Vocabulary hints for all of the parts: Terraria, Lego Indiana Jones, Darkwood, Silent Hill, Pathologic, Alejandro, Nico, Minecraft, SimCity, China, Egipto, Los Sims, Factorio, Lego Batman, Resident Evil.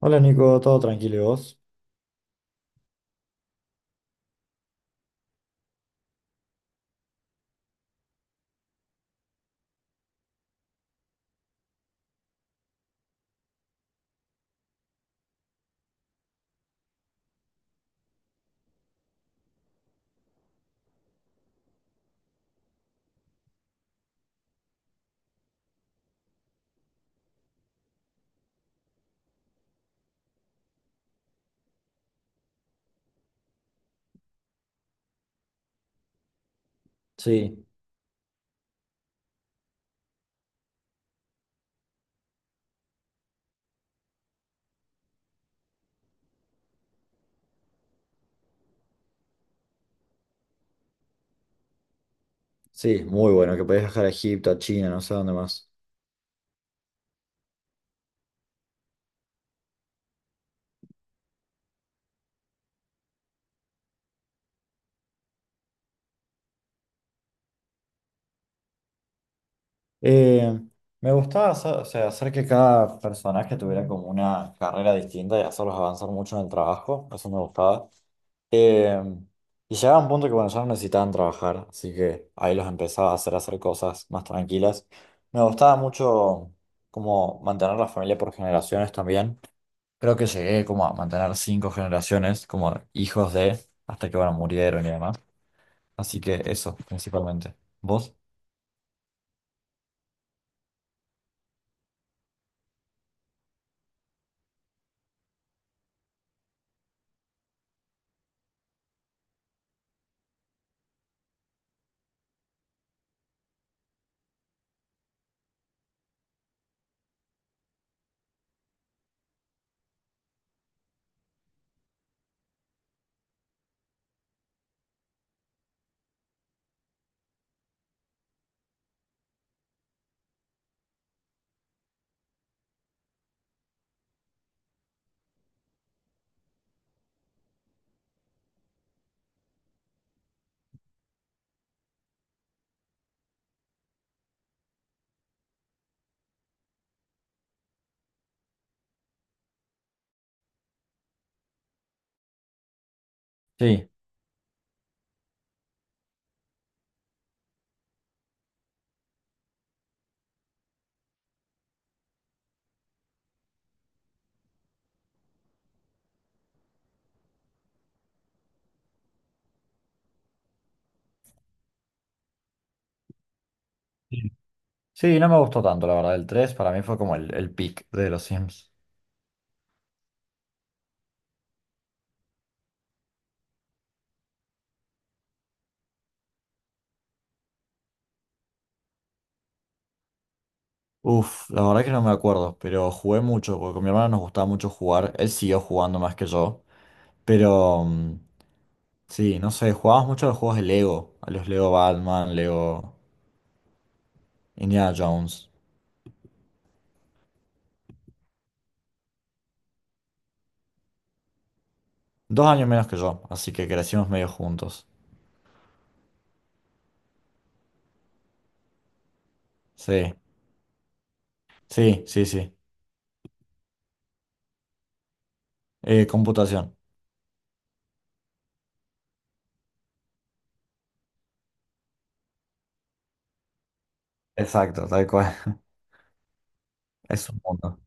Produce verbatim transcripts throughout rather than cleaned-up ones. Hola Nico, todo tranquilo, ¿y vos? Sí, sí, muy bueno, que podés viajar a Egipto, a China, no sé dónde más. Eh, Me gustaba hacer, o sea, hacer que cada personaje tuviera como una carrera distinta y hacerlos avanzar mucho en el trabajo, eso me gustaba. Eh, y llegaba un punto que bueno, ya no necesitaban trabajar, así que ahí los empezaba a hacer hacer cosas más tranquilas. Me gustaba mucho como mantener la familia por generaciones también. Creo que llegué como a mantener cinco generaciones, como hijos de, hasta que bueno, murieron y demás. Así que eso, principalmente. ¿Vos? Sí. Sí, sí, no me gustó tanto, la verdad. El tres para mí fue como el, el peak de los Sims. Uf, la verdad que no me acuerdo, pero jugué mucho, porque con mi hermano nos gustaba mucho jugar. Él siguió jugando más que yo. Pero mm, sí, no sé, jugábamos mucho a los juegos de Lego, a los Lego Batman, Lego Indiana Jones. Dos años menos que yo, así que crecimos medio juntos. Sí. Sí, sí, sí. Eh, computación. Exacto, tal cual. Es un mundo.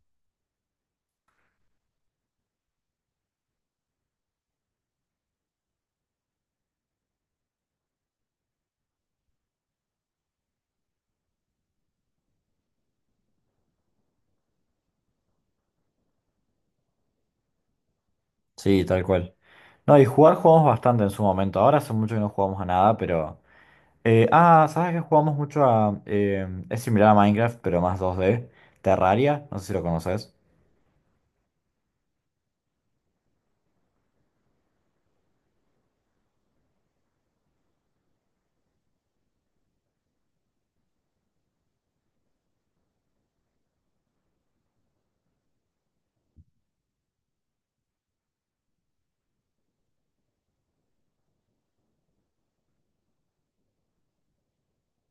Sí, tal cual. No, y jugar jugamos bastante en su momento. Ahora hace mucho que no jugamos a nada, pero. eh, ah, ¿sabes que jugamos mucho a. Eh, es similar a Minecraft, pero más dos d Terraria, no sé si lo conoces.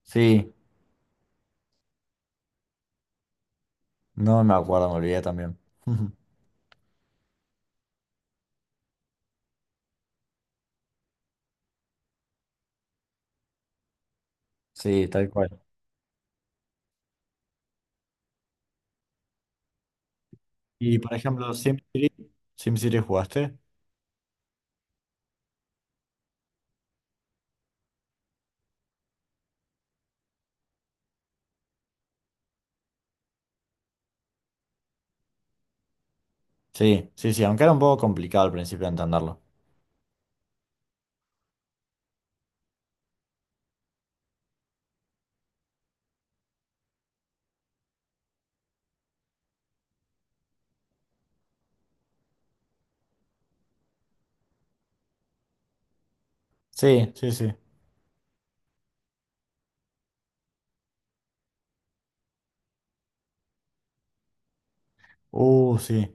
Sí, no me acuerdo, me olvidé también. Sí, tal cual. Y por ejemplo, SimCity. ¿SimCity jugaste? Sí, sí, sí, aunque era un poco complicado al principio entenderlo. Sí, sí, sí. Uh, sí.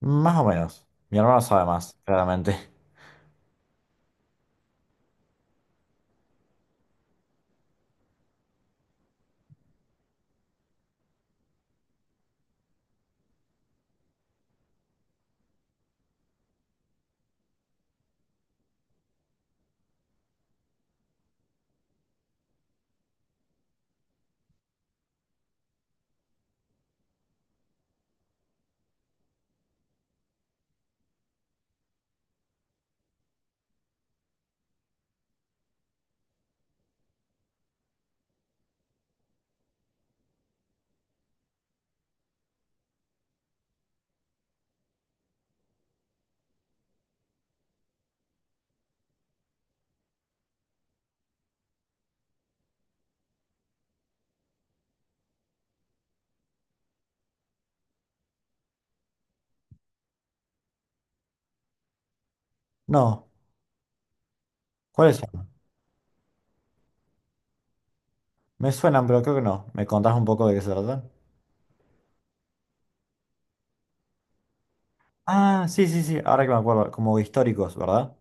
Más o menos. Mi hermano sabe más, claramente. No. ¿Cuáles son? Me suenan, pero creo que no. ¿Me contás un poco de qué se tratan? Ah, sí, sí, sí. Ahora que me acuerdo. Como históricos, ¿verdad?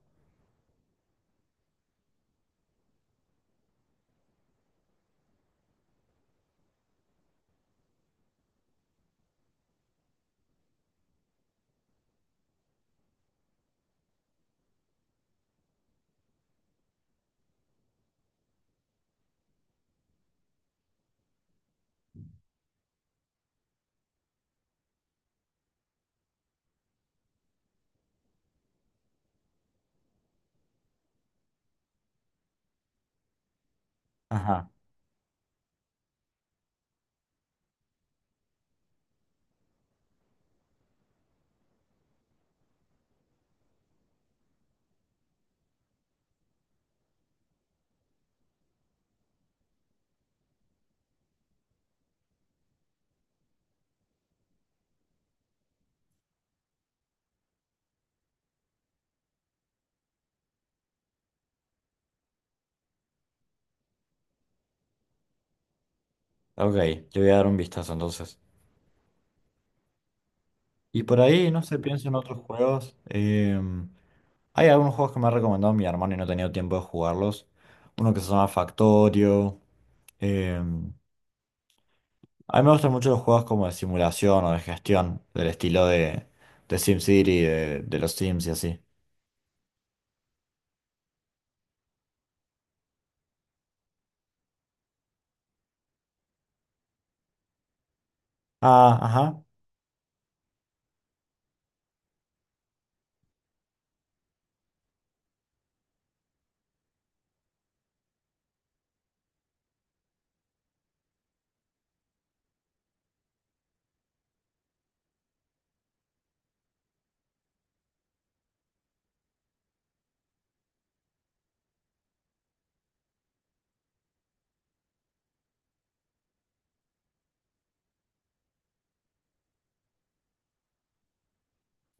Ajá. Ok, yo voy a dar un vistazo entonces. Y por ahí, no sé, pienso en otros juegos. Em, hay algunos juegos que me ha recomendado mi hermano y no he tenido tiempo de jugarlos. Uno que se llama Factorio. Em, a mí me gustan mucho los juegos como de simulación o de gestión, del estilo de, de SimCity, de, de los Sims y así. Ah, ajá.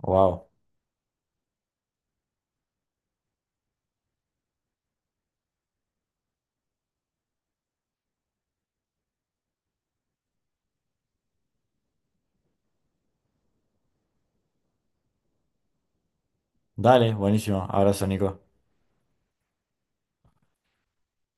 Wow. Dale, buenísimo. Abrazo, Nico.